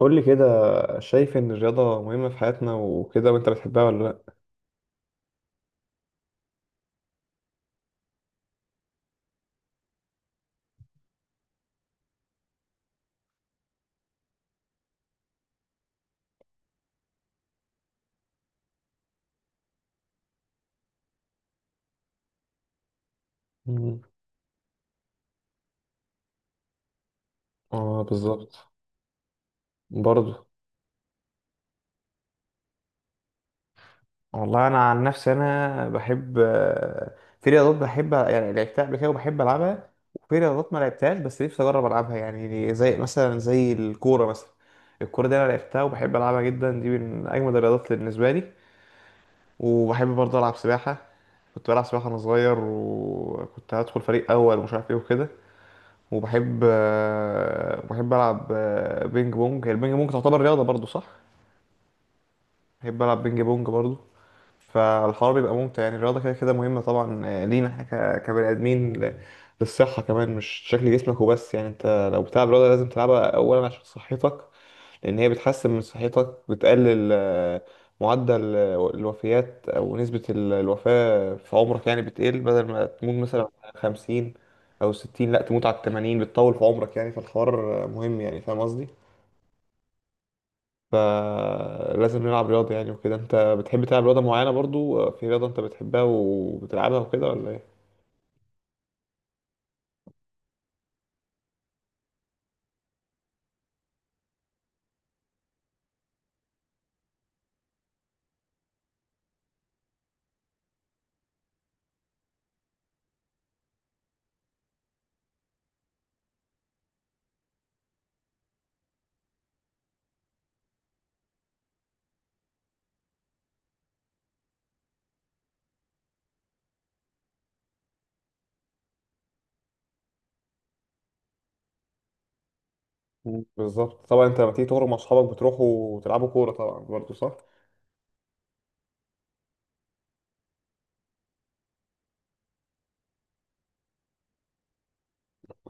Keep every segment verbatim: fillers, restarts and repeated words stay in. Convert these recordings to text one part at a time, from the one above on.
قول لي كده. شايف ان الرياضة مهمة في حياتنا وكده، وانت بتحبها ولا لا؟ مم. اه بالظبط. برضه. والله انا عن نفسي انا بحب. آه، في رياضات بحب يعني لعبتها قبل كده وبحب العبها، وفي رياضات ما لعبتهاش بس نفسي اجرب العبها، يعني زي مثلا زي الكوره مثلا. الكوره دي انا لعبتها وبحب العبها جدا، دي من اجمد الرياضات بالنسبه لي. وبحب برضه العب سباحه. كنت بلعب سباحه وانا صغير، وكنت هدخل فريق اول ومش عارف ايه وكده. وبحب آه، بحب العب آه، بينج بونج، هي البينج بونج تعتبر رياضه برضو صح؟ بحب العب بينج بونج برضو. فالحوار بيبقى ممتع. يعني الرياضه كده كده مهمه طبعا آه، لينا ك- كبني ادمين ل- للصحه كمان، مش شكل جسمك وبس. يعني انت لو بتلعب رياضه لازم تلعبها اولا عشان صحتك، لأن هي بتحسن من صحتك، بتقلل آه، معدل آه، الوفيات، أو نسبة ال- الوفاة في عمرك يعني بتقل، بدل ما تموت مثلا على خمسين أو ستين، لأ تموت على التمانين، بتطول في عمرك يعني. فالحوار آه، مهم. يعني فاهم قصدي؟ فلازم نلعب رياضة يعني وكده. أنت بتحب تلعب رياضة معينة برضو؟ آه، في رياضة أنت بتحبها وبتلعبها وكده ولا إيه؟ مم. بالظبط طبعا. أنت لما تيجي تخرج مع أصحابك بتروحوا تلعبوا كورة طبعا برضو صح؟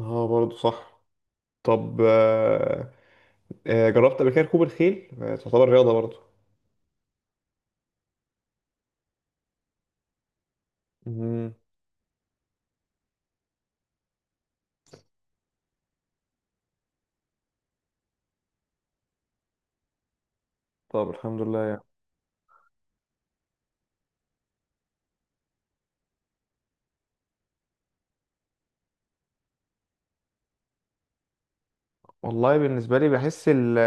اه برضو صح. طب آه، جربت قبل كده ركوب الخيل؟ آه، تعتبر رياضة برضو. مم. طب الحمد لله يعني. والله بالنسبة لي بحس ال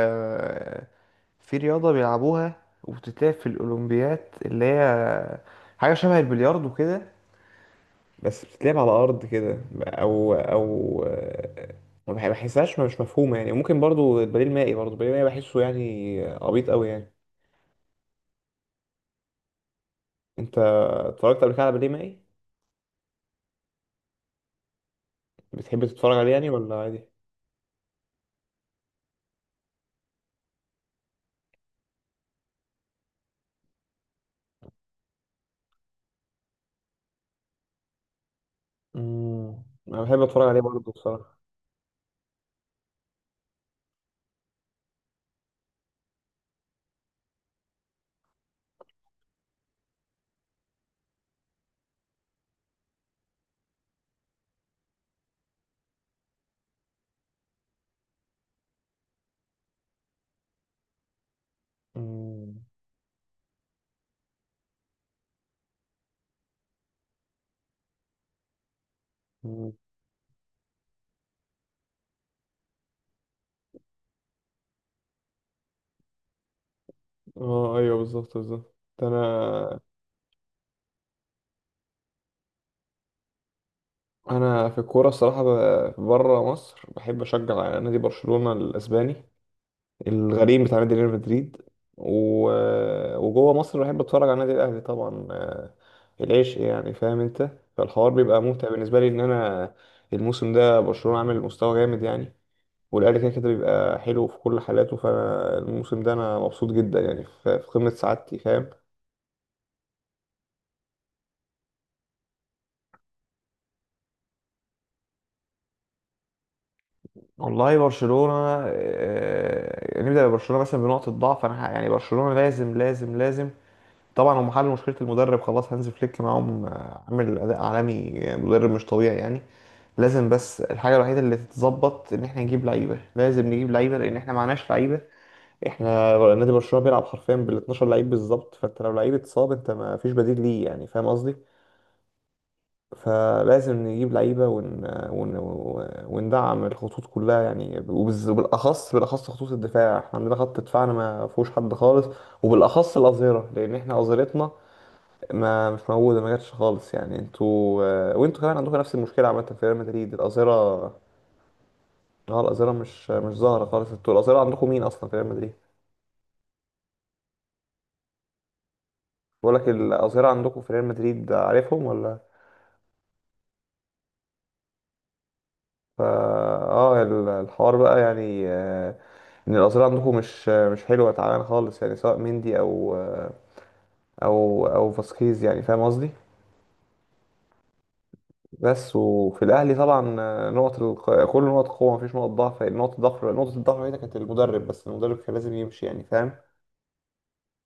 في رياضة بيلعبوها وبتتلعب في الأولمبيات، اللي هي حاجة شبه البلياردو كده، بس بتتلعب على أرض كده، أو أو آه، ما بح- بحسهاش، مش مفهومة يعني. ممكن برضو البديل المائي، برضو البديل المائي بحسه يعني عبيط أوي يعني. أنت اتفرجت قبل كده على بديل مائي؟ بتحب تتفرج عليه يعني ولا عادي؟ مم. أنا بحب أتفرج عليه برضو بصراحة. مم. مم. اه ايوه بالظبط بالظبط. انا انا في الكوره الصراحه ب- بره مصر بحب اشجع نادي برشلونه الاسباني، الغريم بتاع نادي ريال مدريد. و... وجوه مصر بحب اتفرج على النادي الاهلي طبعا آه، العشق يعني، فاهم انت؟ فالحوار بيبقى ممتع بالنسبه لي ان انا الموسم ده برشلونه عامل مستوى جامد يعني. والاهلي كده كده بيبقى حلو في كل حالاته، فانا الموسم ده انا مبسوط جدا يعني، في في قمه سعادتي فاهم؟ والله برشلونة آه، يعني نبدأ ببرشلونة مثلا بنقطة ضعف. أنا ح- يعني برشلونة لازم لازم لازم. طبعا هم حلوا مشكلة المدرب خلاص، هانز فليك معاهم آه، عامل أداء عالمي، آه، مدرب مش طبيعي يعني. لازم، بس الحاجة الوحيدة اللي تتظبط إن إحنا نجيب لعيبة، لازم نجيب لعيبة لأن إحنا معناش لعيبة. إحنا نادي برشلونة بيلعب حرفيا بال اثنا عشر لعيب بالظبط، فأنت لو لعيب اتصاب أنت ما فيش بديل ليه يعني، فاهم قصدي؟ فلازم نجيب لعيبة ون... ون... وندعم الخطوط كلها يعني، وبز- وبالأخص بالأخص خطوط الدفاع. احنا عندنا خط دفاعنا ما فيهوش حد خالص، وبالأخص الأظهرة، لأن احنا أظهرتنا ما مش موجودة، ما جاتش خالص يعني. انتوا آه، وانتوا كمان عندكم نفس المشكلة عامة في ريال مدريد، الأظهرة. اه الأظهرة مش مش ظاهرة خالص، انتوا الأظهرة عندكم مين أصلا في ريال مدريد؟ بقول لك الأظهرة عندكم في ريال مدريد عارفهم ولا؟ فا اه ال- الحوار بقى يعني آه، ان الاظهره عندكم مش مش حلوه، تعبان خالص يعني، سواء مندي او او او فاسكيز، يعني فاهم قصدي. بس. وفي الاهلي طبعا آه، نقط الق... كل نقط قوه، مفيش نقط ضعف. نقطه ضعف نقطه الضعف هنا كانت المدرب، بس المدرب كان لازم يمشي يعني، فاهم.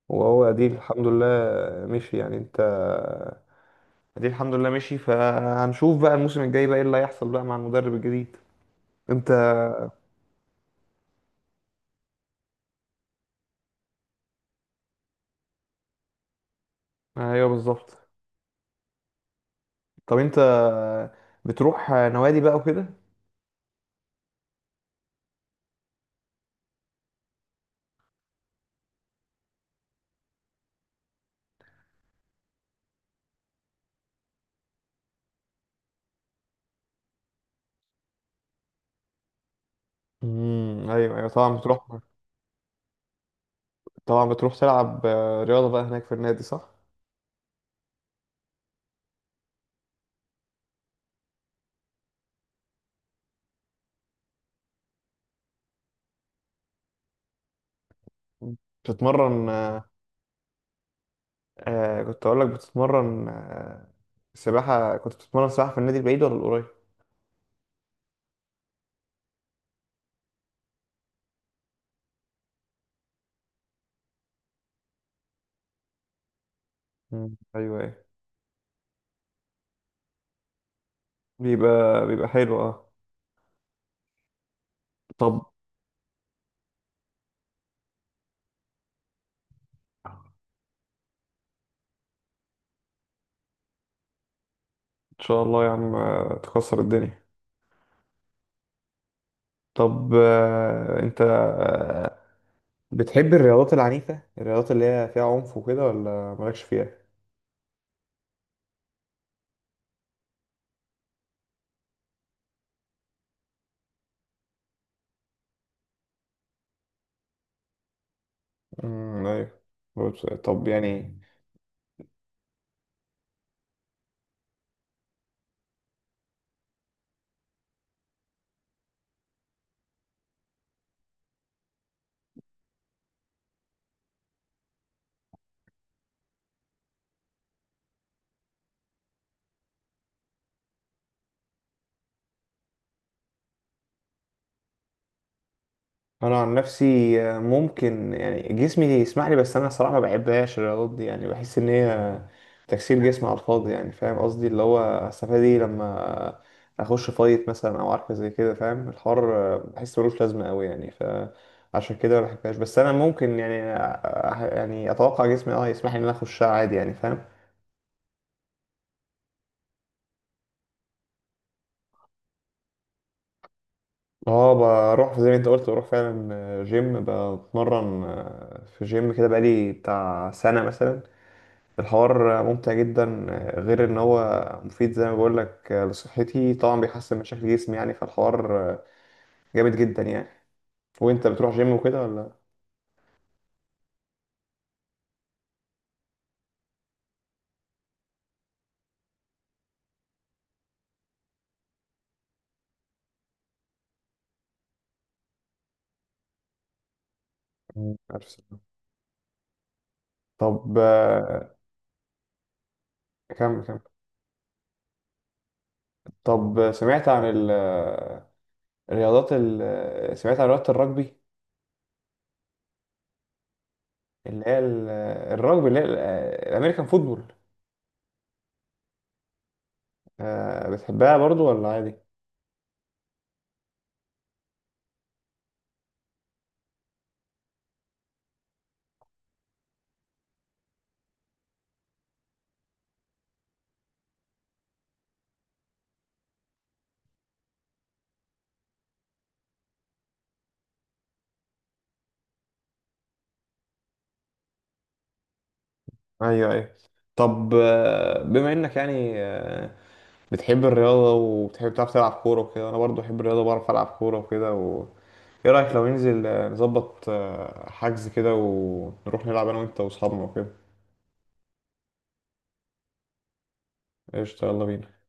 وهو دي الحمد لله مشي يعني. انت دي الحمد لله مشي، فهنشوف بقى الموسم الجاي بقى ايه اللي هيحصل بقى مع المدرب الجديد. انت ايوه بالظبط. طب انت بتروح نوادي بقى وكده؟ امم ايوه ايوه، طبعا بتروح طبعا بتروح تلعب آه، رياضه بقى هناك في النادي صح؟ بتتمرن آه، آه، كنت اقول لك بتتمرن آه، سباحه. كنت بتتمرن سباحه في النادي البعيد ولا القريب؟ امم ايوه ايوه. بيبقى بيبقى حلو اه. طب ان شاء الله يا عم آه، تكسر الدنيا. طب آه، انت آه، بتحب الرياضات العنيفه، الرياضات اللي هي فيها عنف وكده ولا مالكش فيها؟ امم ايوه. بص- طب يعني انا عن نفسي آه، ممكن يعني جسمي يسمح لي، بس انا الصراحه ما بحبهاش الرياضات دي، يعني بحس ان هي تكسير جسم على الفاضي، يعني فاهم قصدي، اللي هو استفاد ايه لما اخش فايت مثلا او عارفه زي كده، فاهم الحوار؟ آه، بحس ملوش لازمه قوي يعني، فعشان كده ما بحبهاش. بس انا ممكن يعني آه، آه، يعني اتوقع جسمي اه يسمح لي ان انا اخشها عادي، يعني فاهم. اه بروح زي ما انت قلت، بروح فعلا آه، جيم، بتمرن آه، في جيم كده بقالي بتاع سنه مثلا. الحوار ممتع جدا آه، غير ان هو مفيد زي ما بقول لك لصحتي، طبعا بيحسن من شكل جسمي يعني، فالحوار آه، جامد جدا يعني. وانت بتروح جيم وكده ولا؟ مم. عارف سمع. طب آه، كمل كمل. طب سمعت عن ال- آه، الرياضات ال- آه، سمعت عن رياضة الرجبي، اللي هي ال- آه، الرجبي اللي هي ال- آه، الامريكان فوتبول. آه، بتحبها برضو ولا عادي؟ ايوه ايوه. طب آه، بما انك يعني بتحب الرياضة وبتحب تعرف تلعب كورة وكده، أنا برضو بحب الرياضة، بعرف ألعب كورة وكده. و... إيه رأيك لو ننزل آه، نظبط آه، حجز كده، ونروح نلعب أنا وأنت وأصحابنا وكده؟ قشطة، يلا بينا.